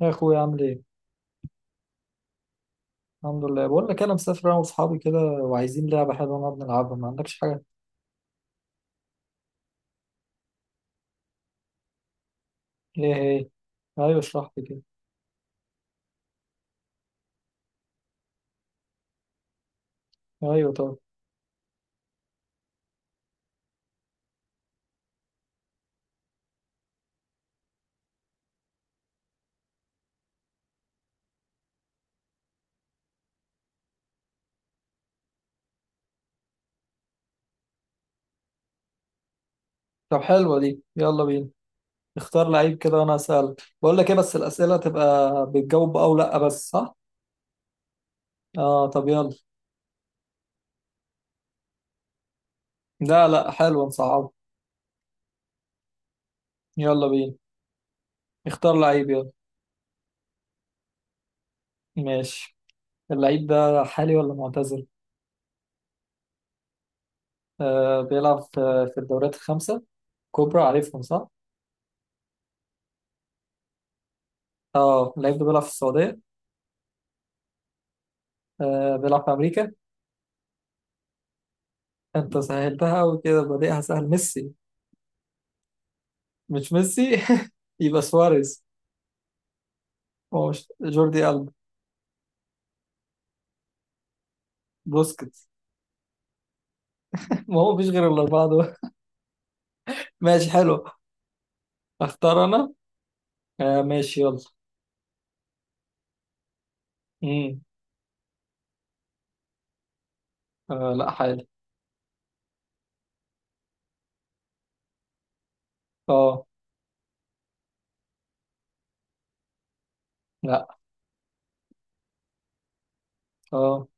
يا اخويا عامل ايه؟ الحمد لله. بقول لك انا مسافر انا واصحابي كده وعايزين لعبه حلوه نقعد نلعبها، ما عندكش حاجه؟ ايه هي؟ ايوه اشرح لي كده. ايوه طب. طب حلوه دي، يلا بينا. اختار لعيب كده وانا اسال. بقول لك ايه، بس الاسئله تبقى بتجاوب او لا بس، صح؟ اه طب يلا. لا لا، حلوه، نصعب. يلا بينا. اختار لعيب، يلا. ماشي. اللعيب ده حالي ولا معتزل؟ آه بيلعب في الدوريات الخمسه كبرى، عارفهم صح؟ اه اللعيب ده بيلعب في السعوديه؟ آه بيلعب في امريكا؟ انت سهلتها قوي كده، بادئها سهل، ميسي. مش ميسي يبقى سواريز. هو مش جوردي ألبا؟ بوسكيتس. ما هو مفيش غير الأربعة دول. ماشي حلو. اختار أنا. آه ماشي يلا. امم. آه لا حالي. اه. لا. اه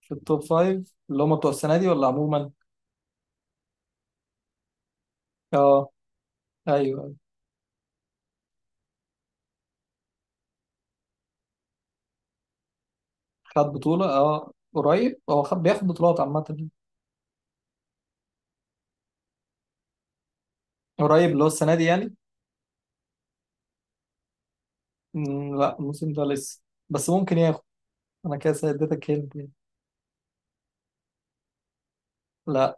في التوب فايف، اللي هم بتوع السنة دي ولا عموما؟ اه. أيوه. خد بطولة؟ اه قريب. هو خد، بياخد بطولات عامة. قريب اللي هو السنة دي يعني. مم لا الموسم ده لسه. بس ممكن ياخد. أنا كده اديتك هنت يعني. لا.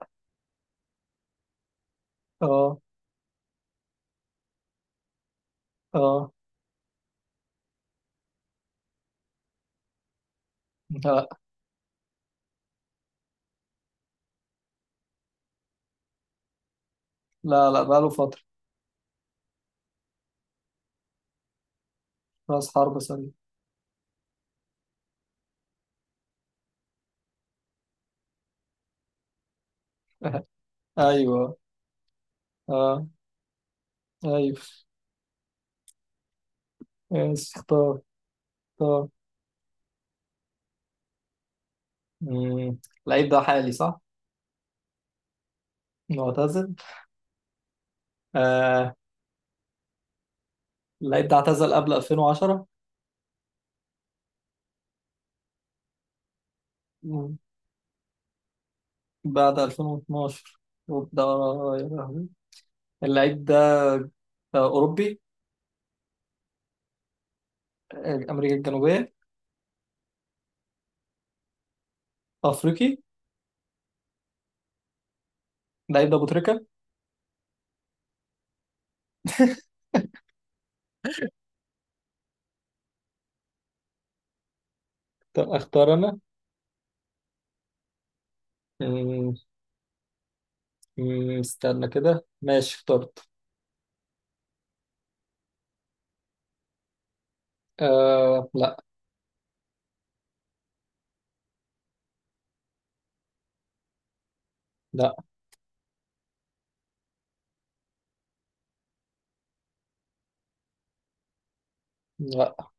اه. اه. لا. لا بقاله فترة. راس حرب سوري. ايوه. اه. ايوه. ماشي اختار. اختار. مم. اللعيب ده حالي صح؟ معتزل. آه. اللعيب ده اعتزل قبل 2010؟ مم. بعد 2012؟ وبدأ يا لهوي. اللعيب ده آه، أوروبي؟ آه، أمريكا الجنوبية؟ أفريقي. اللعيب ده أبو تريكة. طب اختار انا. مم، مم، استنى كده. ماشي اخترت. آه لا. لا. لا.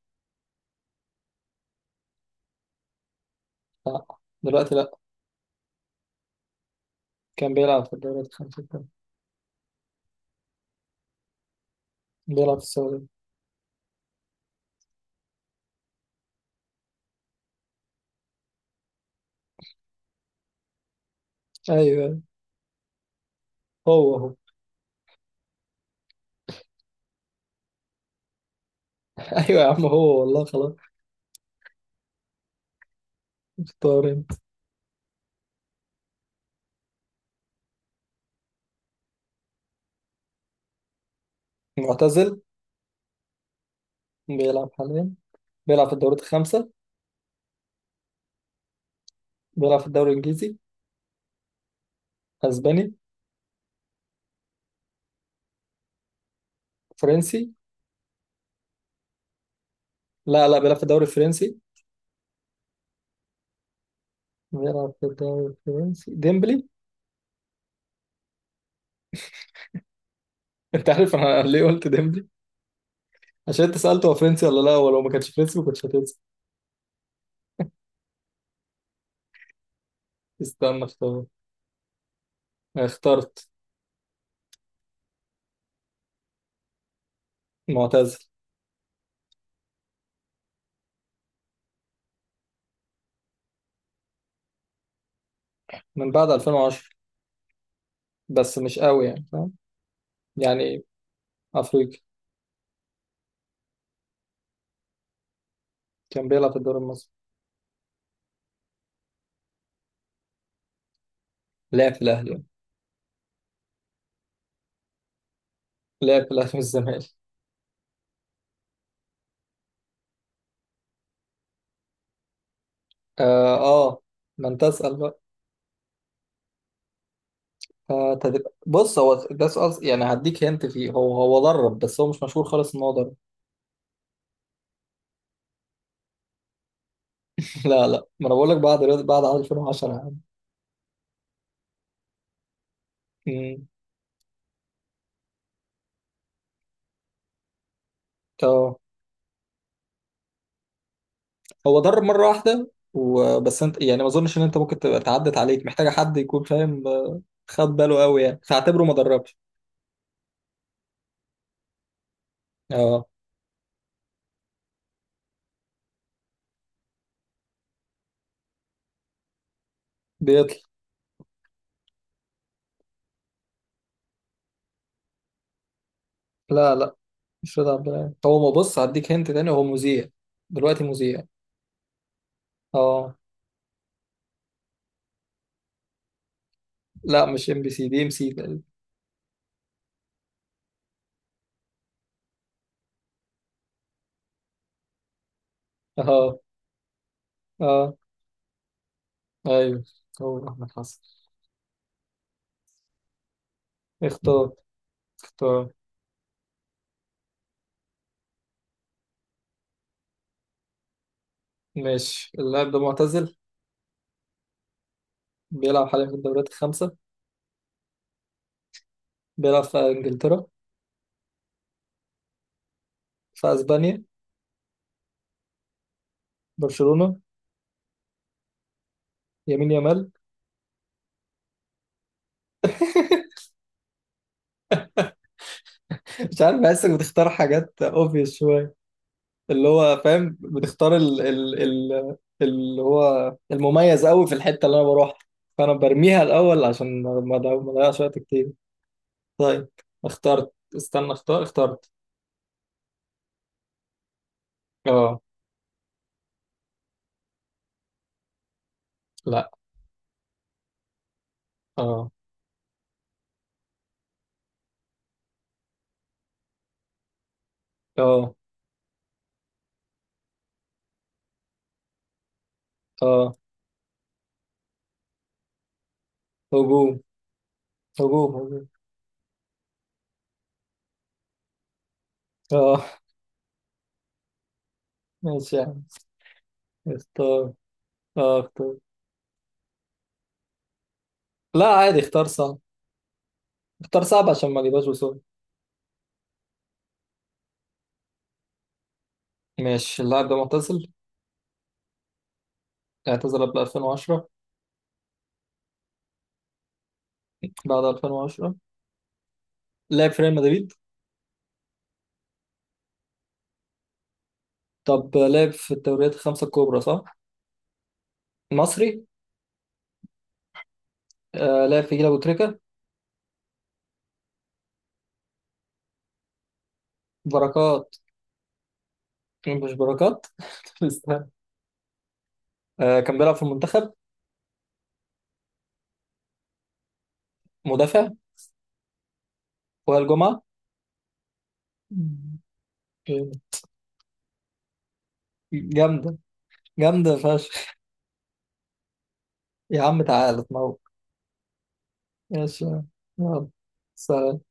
لا دلوقتي، لا. كان بيلعب في الدوريات الخمسة الكبرى. بيلعب في السعودية. أيوه. هو هو. أيوه يا عم هو، والله خلاص. اختار أنت. معتزل؟ بيلعب حاليا؟ بيلعب في الدوريات الخمسة. بيلعب في الدوري الإنجليزي؟ أسباني؟ فرنسي؟ لا لا، بيلعب في الدوري الفرنسي. بيلعب في الدوري الفرنسي، ديمبلي. أنت عارف أنا ليه قلت ديمبلي؟ عشان أنت سألته هو فرنسي ولا لا، ولو ما كانش فرنسي ما كنتش هتنسى. استنى اختار. اخترت. معتزل. من بعد 2010، بس مش قوي يعني، فاهم؟ يعني. أفريقي. كان بيلعب في الدوري المصري. لعب في الأهلي. لعب في الأهلي والزمالك. آه, آه. ما أنت أسأل بقى. آه تدري. بص هو ده سؤال، يعني هديك هنت فيه. هو هو درب بس هو مش مشهور خالص إن هو درب. لا لا، ما أنا بقول لك بعد بعد عام 2010 يا عم. مم. آه. هو درب مرة واحدة وبس، أنت يعني ما أظنش إن أنت ممكن تبقى تعدت عليك، محتاجة حد يكون فاهم، آه، خد باله قوي يعني، فاعتبره ما دربش. آه. بيطلع. لا لا، مش رضا عبد العال. هو ما، بص هديك هنت تاني، هو مذيع. دلوقتي مذيع. اه. لا مش ام بي سي، دي ام سي تقريبا. اه. اه. ايوه. هو احمد حسن. اختار. اختار. ماشي. اللاعب ده معتزل؟ بيلعب حاليا في الدوريات الخمسة. بيلعب في انجلترا؟ في اسبانيا؟ برشلونة؟ يمين، يامال. مش عارف، بحسك بتختار حاجات اوبفيس شوية. اللي هو فاهم بتختار ال اللي هو المميز قوي في الحتة اللي انا بروحها. فانا برميها الاول عشان ما اضيعش وقت كتير. طيب. اخترت. استنى اختار. اخترت. اه. اه. اه. اه هجوم. هجوم هجوم. اه. ماشي يا عم. اختار. اه اختار. لا عادي، اختار صعب. اختار صعب عشان ما اجيبهاش بسرعة. ماشي. اللاعب ده معتزل؟ اعتزل قبل 2010؟ بعد 2010. لعب في ريال مدريد؟ طب لعب في الدوريات الخمسة الكبرى صح؟ مصري. آه لعب في جيل أبو تريكة. بركات. مش بركات؟ استنى. آه كان بيلعب في المنتخب؟ مدافع. وائل جمعة. مم. جامدة. جامدة فشخ. يا عم تعالى اتنور. ماشي. يلا. سلام.